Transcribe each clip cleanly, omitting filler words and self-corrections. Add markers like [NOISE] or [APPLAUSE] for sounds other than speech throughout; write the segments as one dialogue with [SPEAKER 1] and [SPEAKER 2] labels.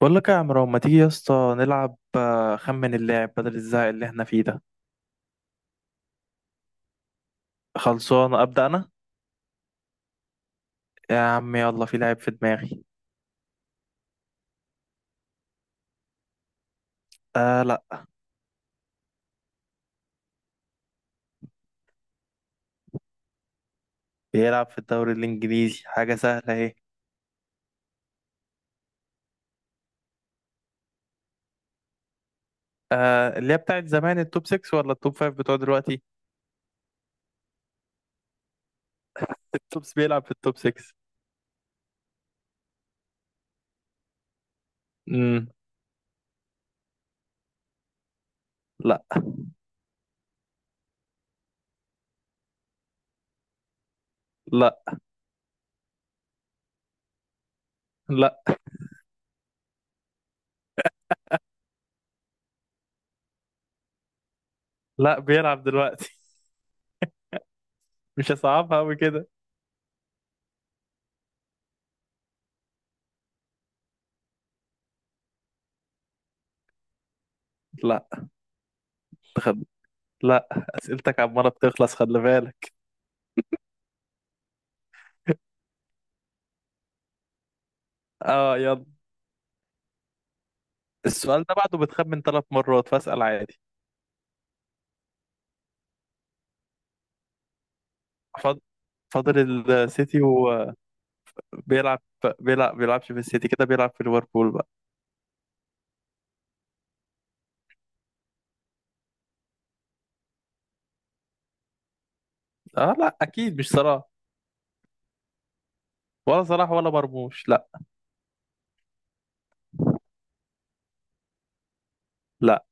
[SPEAKER 1] بقول لك يا عمرو، ما تيجي يا اسطى نلعب، خمن اللاعب بدل الزهق اللي احنا فيه ده. خلصان ابدا انا. يا عم يلا، في لاعب في دماغي. آه لا. بيلعب في الدوري الانجليزي، حاجه سهله اهي. اللي هي بتاعت زمان التوب 6 ولا التوب 5 بتوع دلوقتي؟ [LAUGHS] التوب بيلعب في التوب 6. امم. لا، لا، لا، لا. بيلعب دلوقتي. [LAUGHS] مش هصعبها قوي كده. لا. تخد... لا. اسئلتك عماله بتخلص، خلي بالك. [LAUGHS] اه يلا. السؤال ده بعده بتخمن 3 مرات، فاسال عادي. فاضل. السيتي وبيلعب. بيلعبش في السيتي كده، بيلعب في ليفربول بقى. اه لا، اكيد مش صلاح. ولا صلاح ولا مرموش، لا. لا.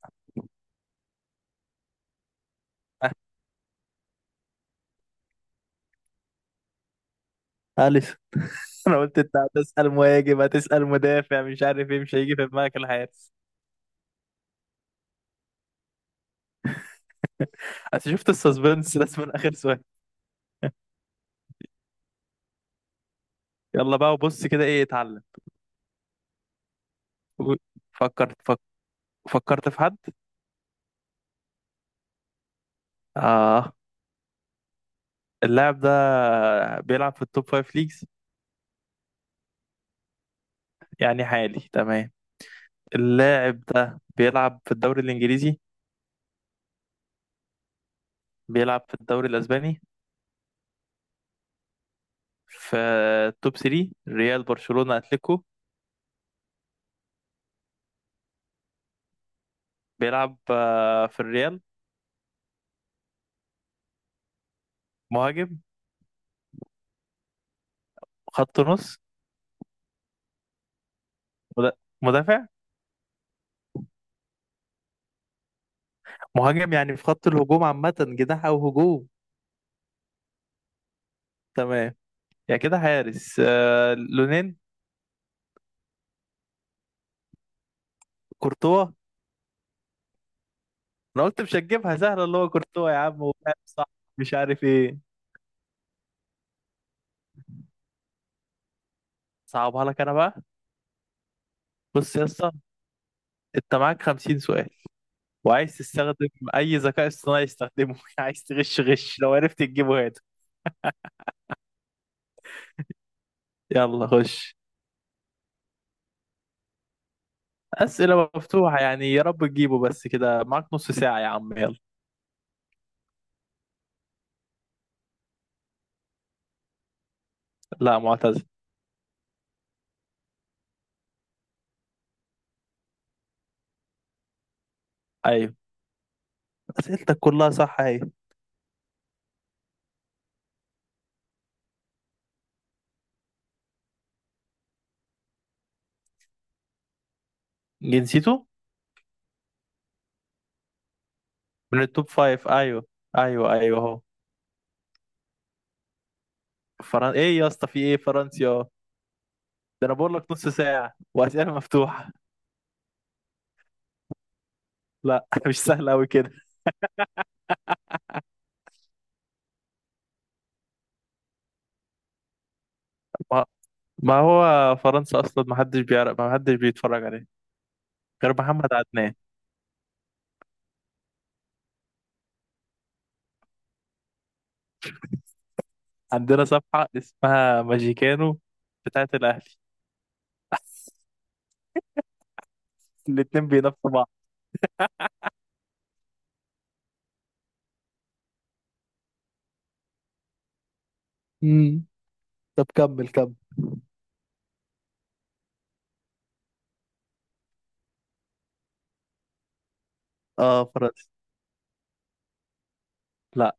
[SPEAKER 1] [LAUGHS] اليسون. انا قلت انت هتسال مهاجم، هتسال مدافع، مش عارف ايه، مش هيجي في دماغك الحارس. انت شفت السسبنس لازم من اخر سؤال. يلا بقى، وبص كده ايه اتعلم. فكرت فك... فكرت في حد. اه. اللاعب ده بيلعب في التوب فايف ليجز. يعني حالي تمام. اللاعب ده بيلعب في الدوري الانجليزي. بيلعب في الدوري الأسباني. في التوب 3، ريال برشلونة أتليكو. بيلعب في الريال. مهاجم. خط نص. مد- مدافع. مهاجم، يعني في خط الهجوم عامة، جناح أو هجوم. تمام. يعني كده حارس، لونين. كورتوا. أنا قلت مش هتجيبها سهلة، اللي هو كورتوا يا عم، وفعلا صح. مش عارف إيه. صعبها لك أنا بقى. بص يا اسطى. أنت معاك 50 سؤال. وعايز تستخدم. أي ذكاء اصطناعي استخدمه. [LAUGHS] عايز تغش، غش. لو عرفت تجيبه هات. يلا خش. أسئلة مفتوحة، يعني يا رب تجيبه، بس كده معاك نص ساعة يا عم، يلا. لا، معتز. أيوه. أسئلتك كلها صح، أيوه. جنسيته من التوب فايف، أيوه. أيوه، أيوه، أهو. إيه يا اسطى، في إيه فرنسيا؟ ده أنا بقول لك نص ساعة وأسئلة مفتوحة. لا، [LAUGHS] مش سهلة أوي كده. ما... ما هو فرنسا أصلا محدش بيعرف، محدش بيتفرج عليه. غير محمد عدنان. عندنا صفحة اسمها ماجيكانو. بتاعت الأهلي. الاتنين بينافسوا بعض. امم. طب كمل كمل. اه فرنسا. لا.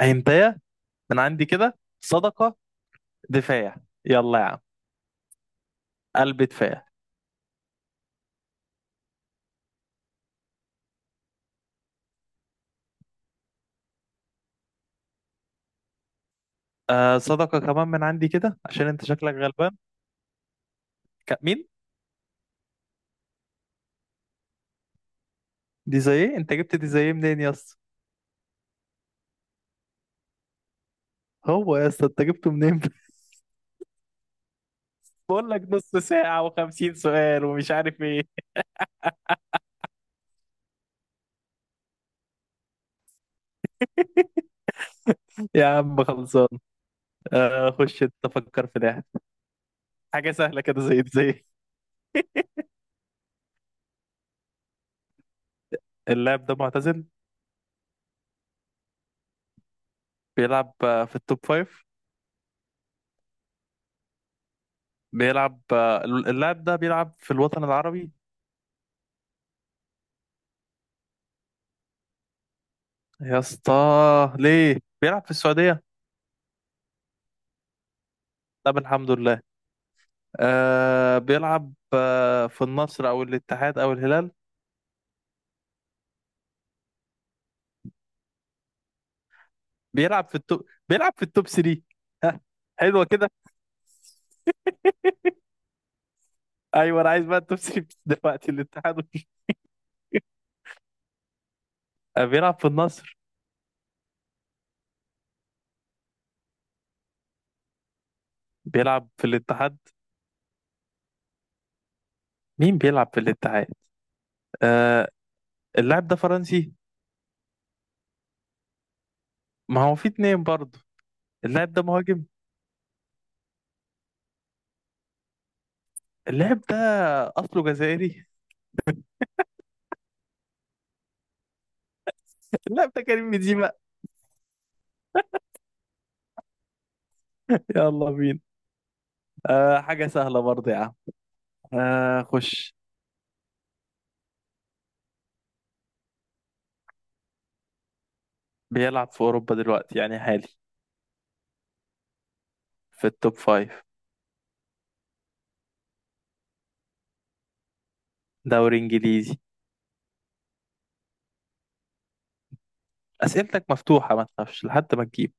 [SPEAKER 1] هنتايه. من عندي كده صدقة. دفاع. يلا يا عم. قلب دفاع. صدقة كمان من عندي كده، عشان انت شكلك غلبان. مين؟ دي زي ايه، انت جبت دي زي ايه منين يا اسطى؟ هو يا اسطى، انت جبته منين؟ [LAUGHS] بقول لك نص ساعة و50 سؤال ومش عارف ايه. يا عم خلصان. خش انت فكر في ده. حاجة سهلة كده زي دي زي إيه؟ اللاعب ده معتزل. بيلعب في التوب فايف. بيلعب آه، اللاعب ده بيلعب في الوطن العربي. يا اسطى. ليه بيلعب في السعودية. طب الحمد لله. بيلعب في النصر او الاتحاد او الهلال. بيلعب في التوب 3. ها. حلوة كده. ايوه انا عايز بقى التوب 3. [LAUGHS] دلوقتي الاتحاد بيلعب في النصر. بيلعب في الاتحاد. مين بيلعب في الاتحاد؟ آه اللاعب ده فرنسي. ما هو في 2 برضه. اللاعب ده مهاجم. اللاعب ده اصله جزائري. [LAUGHS] اللاعب ده كريم بنزيما. يلا بينا. حاجة سهلة برضه يا عم. خش. بيلعب في اوروبا دلوقتي، يعني حالي. في التوب فايف. دوري انجليزي. اسئلتك مفتوحه، ما تخافش لحد ما تجيب.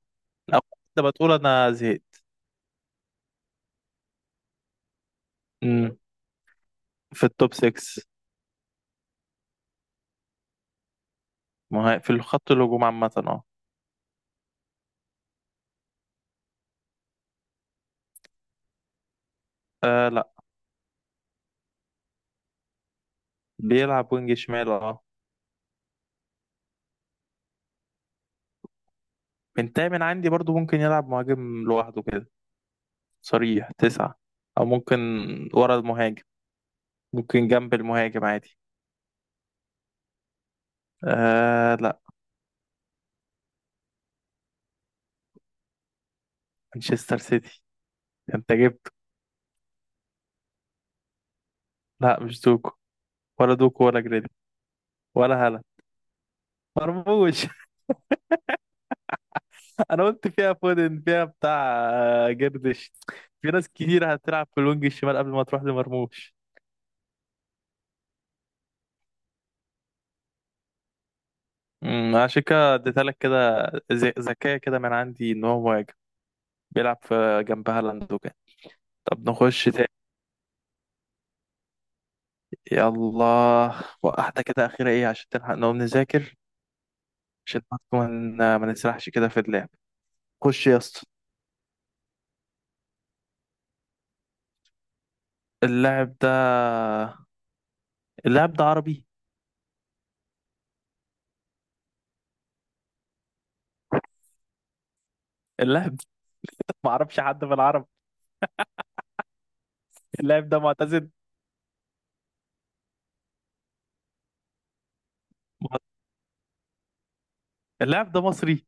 [SPEAKER 1] لو انت بتقول انا زهقت. امم. في التوب 6. ما هي- في الخط الهجوم عامه اه. آه لا. بيلعب وينج شمال اه. من تامن عندي برضو ممكن يلعب مهاجم لوحده كده. صريح 9. او ممكن. ورا المهاجم. ممكن جنب المهاجم عادي. آه لا. مانشستر سيتي. انت جبته. لا مش دوكو. ولا دوكو ولا جريلي. ولا هالاند. مرموش. انا قلت فيها فودن، فيها بتاع جردش. في ناس كتير هتلعب في الوينج الشمال قبل ما تروح لمرموش. امم. عشان كده اديتها لك كده. ذكية كده من عندي ان هو مهاجم. بيلعب في. جنب هالاند وكده. طب نخش تاني. يلا. واحدة كده أخيرة إيه، عشان تلحق نقوم نذاكر. عشان برضه ما نسرحش كده في اللعب. خش يا اسطى. اللاعب ده. اللاعب ده عربي. اللاعب ده [LAUGHS] معرفش حد في العرب. اللاعب ده معتزل. اللاعب ده مصري.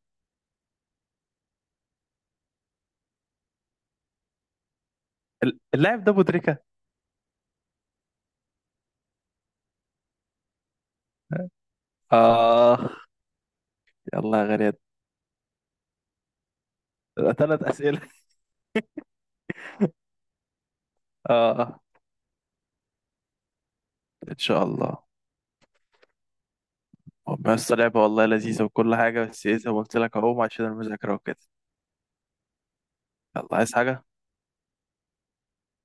[SPEAKER 1] اللاعب ده مدركة. آه. يلا يا غريب. 3 أسئلة. آه. إن شاء الله. بس لعبة والله لذيذة وكل حاجة، بس إيه زي ما قلت لك، أقوم عشان المذاكرة وكده. يلا، عايز حاجة؟